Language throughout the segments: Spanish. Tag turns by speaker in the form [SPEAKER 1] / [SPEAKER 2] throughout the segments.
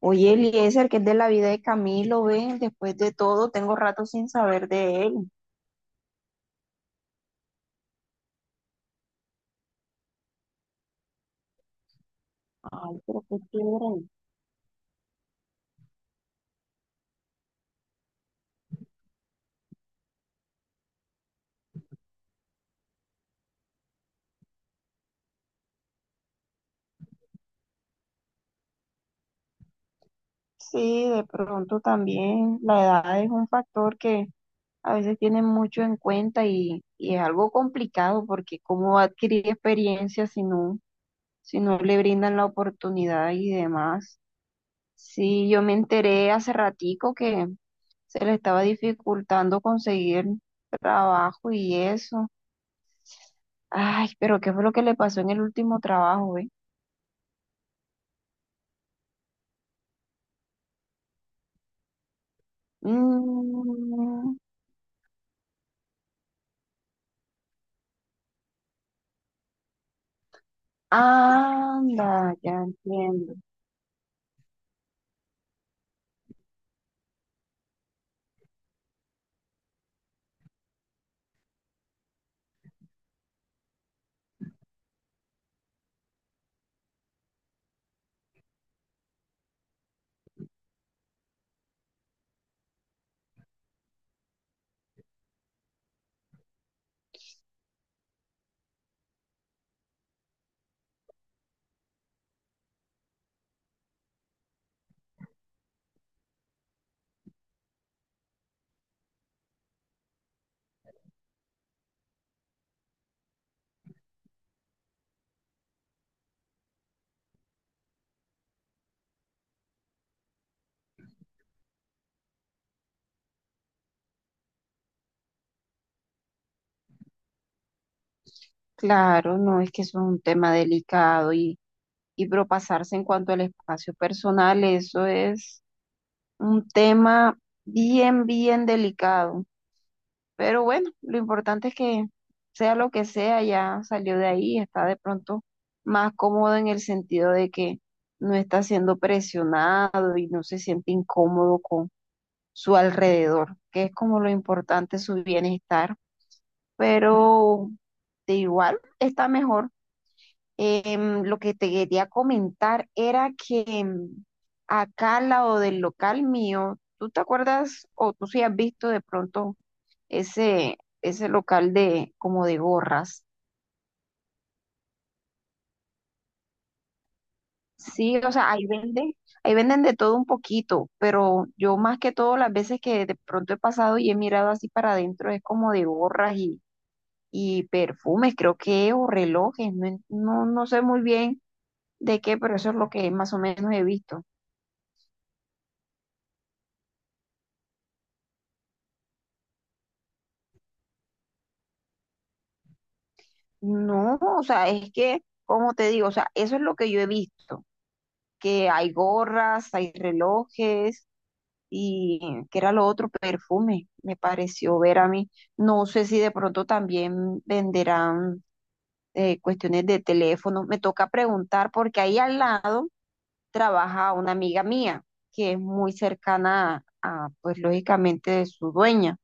[SPEAKER 1] Oye, Eliezer, que es de la vida de Camilo, ven, después de todo, tengo rato sin saber de él. Ay, pero qué chévere. Sí, de pronto también la edad es un factor que a veces tienen mucho en cuenta y es algo complicado porque cómo va a adquirir experiencia si no, si no le brindan la oportunidad y demás. Sí, yo me enteré hace ratico que se le estaba dificultando conseguir trabajo y eso. Ay, pero ¿qué fue lo que le pasó en el último trabajo, Mm, anda, ya entiendo. Claro, no, es que eso es un tema delicado y propasarse en cuanto al espacio personal, eso es un tema bien, bien delicado. Pero bueno, lo importante es que sea lo que sea, ya salió de ahí, está de pronto más cómodo en el sentido de que no está siendo presionado y no se siente incómodo su alrededor, que es como lo importante, su bienestar, pero de igual está mejor. Lo que te quería comentar era que acá al lado del local mío, ¿tú te acuerdas o tú sí has visto de pronto ese local de como de gorras? Sí, o sea, ahí venden de todo un poquito, pero yo más que todo las veces que de pronto he pasado y he mirado así para adentro es como de gorras y perfumes, creo que, o relojes, no, no, no sé muy bien de qué, pero eso es lo que más o menos he visto. No, o sea, es que, como te digo, o sea, eso es lo que yo he visto, que hay gorras, hay relojes y que era lo otro, perfume, me pareció ver a mí. No sé si de pronto también venderán cuestiones de teléfono, me toca preguntar porque ahí al lado trabaja una amiga mía que es muy cercana a, pues lógicamente, de su dueña.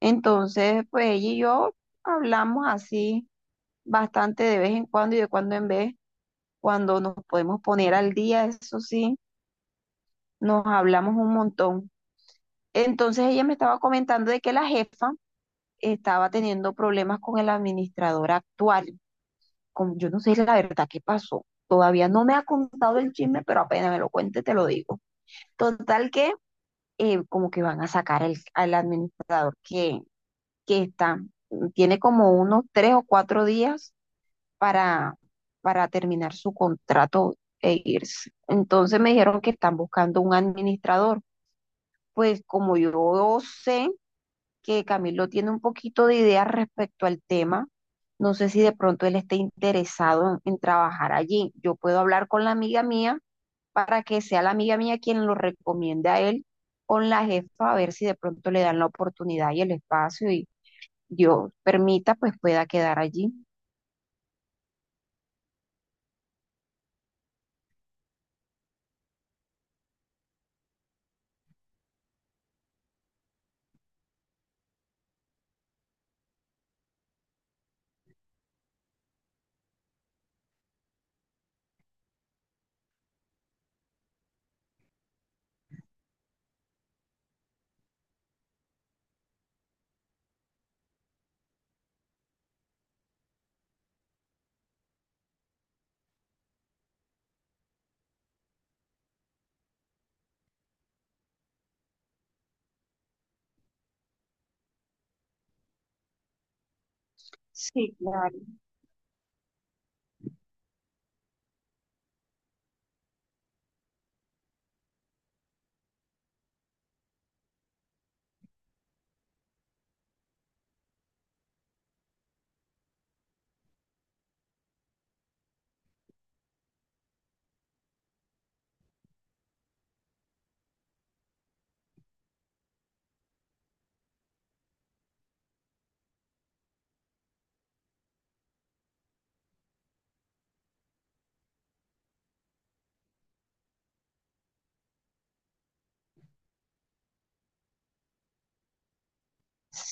[SPEAKER 1] Entonces, pues ella y yo hablamos así bastante de vez en cuando y de cuando en vez, cuando nos podemos poner al día, eso sí, nos hablamos un montón. Entonces ella me estaba comentando de que la jefa estaba teniendo problemas con el administrador actual. Con, yo no sé la verdad qué pasó. Todavía no me ha contado el chisme, pero apenas me lo cuente, te lo digo. Total que como que van a sacar al administrador que está, tiene como unos tres o cuatro días para, para terminar su contrato e irse. Entonces me dijeron que están buscando un administrador. Pues como yo sé que Camilo tiene un poquito de idea respecto al tema, no sé si de pronto él esté interesado en trabajar allí. Yo puedo hablar con la amiga mía para que sea la amiga mía quien lo recomiende a él con la jefa, a ver si de pronto le dan la oportunidad y el espacio y Dios permita, pues pueda quedar allí. Sí, claro.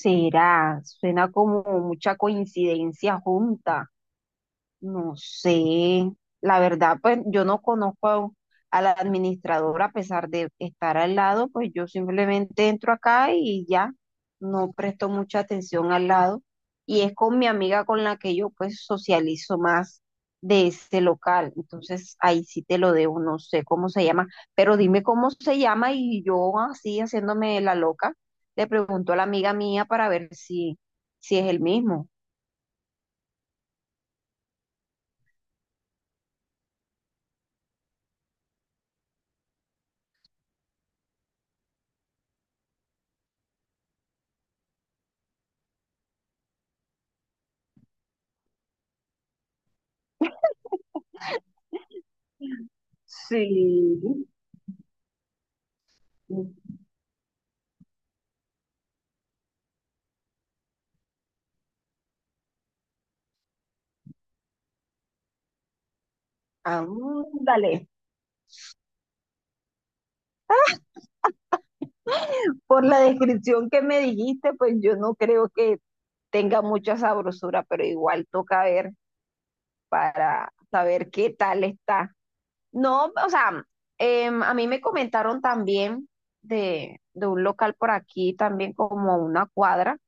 [SPEAKER 1] Será, suena como mucha coincidencia junta. No sé, la verdad, pues yo no conozco a la administradora a pesar de estar al lado, pues yo simplemente entro acá y ya no presto mucha atención al lado. Y es con mi amiga con la que yo pues socializo más de ese local. Entonces ahí sí te lo debo, no sé cómo se llama, pero dime cómo se llama y yo así haciéndome la loca, le pregunto a la amiga mía para ver si, si es el mismo. Sí, ándale, por la descripción que me dijiste, pues yo no creo que tenga mucha sabrosura, pero igual toca ver para saber qué tal está. No, o sea, a mí me comentaron también de un local por aquí, también como a una cuadra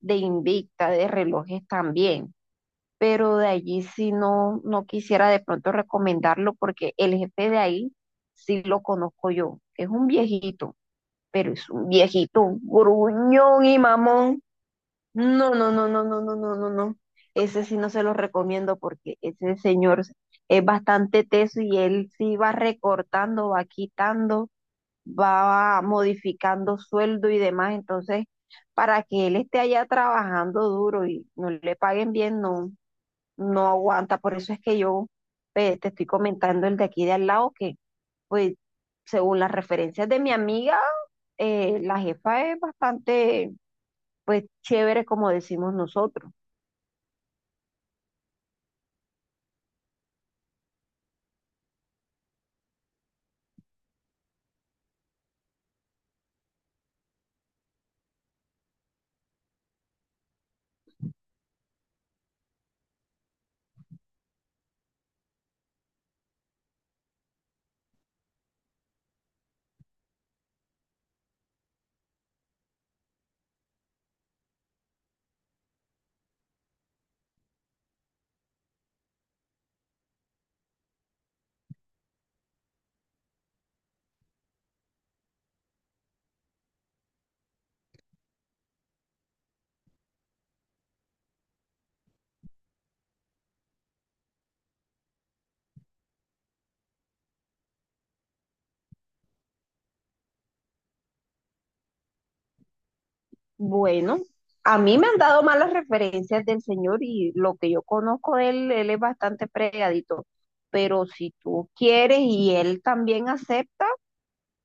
[SPEAKER 1] de Invicta, de relojes también, pero de allí sí no, no quisiera de pronto recomendarlo porque el jefe de ahí sí lo conozco yo, es un viejito pero es un viejito gruñón y mamón. No, no, no, no, no, no, no, no, no. Ese sí no se lo recomiendo porque ese señor es bastante teso y él sí va recortando, va quitando, va modificando sueldo y demás. Entonces, para que él esté allá trabajando duro y no le paguen bien, no, no aguanta. Por eso es que yo te estoy comentando el de aquí de al lado que, pues, según las referencias de mi amiga, la jefa es bastante, pues, chévere, como decimos nosotros. Bueno, a mí me han dado malas referencias del señor y lo que yo conozco de él, él es bastante pregadito. Pero si tú quieres y él también acepta,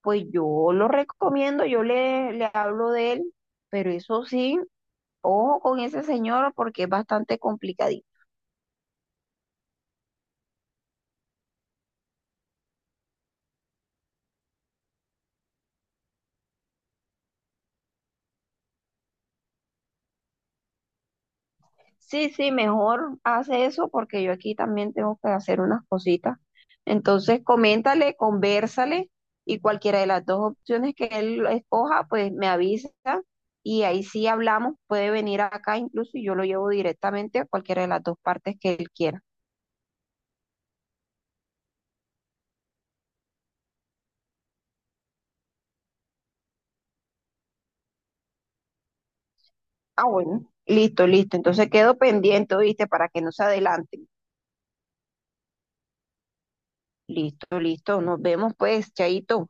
[SPEAKER 1] pues yo lo recomiendo, yo le, le hablo de él. Pero eso sí, ojo con ese señor porque es bastante complicadito. Sí, sí, mejor hace eso porque yo aquí también tengo que hacer unas cositas. Entonces, coméntale, conversale y cualquiera de las dos opciones que él escoja, pues me avisa y ahí sí hablamos. Puede venir acá incluso y yo lo llevo directamente a cualquiera de las dos partes que él quiera. Ah, bueno, listo, listo. Entonces quedo pendiente, ¿viste? Para que no se adelanten. Listo, listo. Nos vemos pues, Chaito.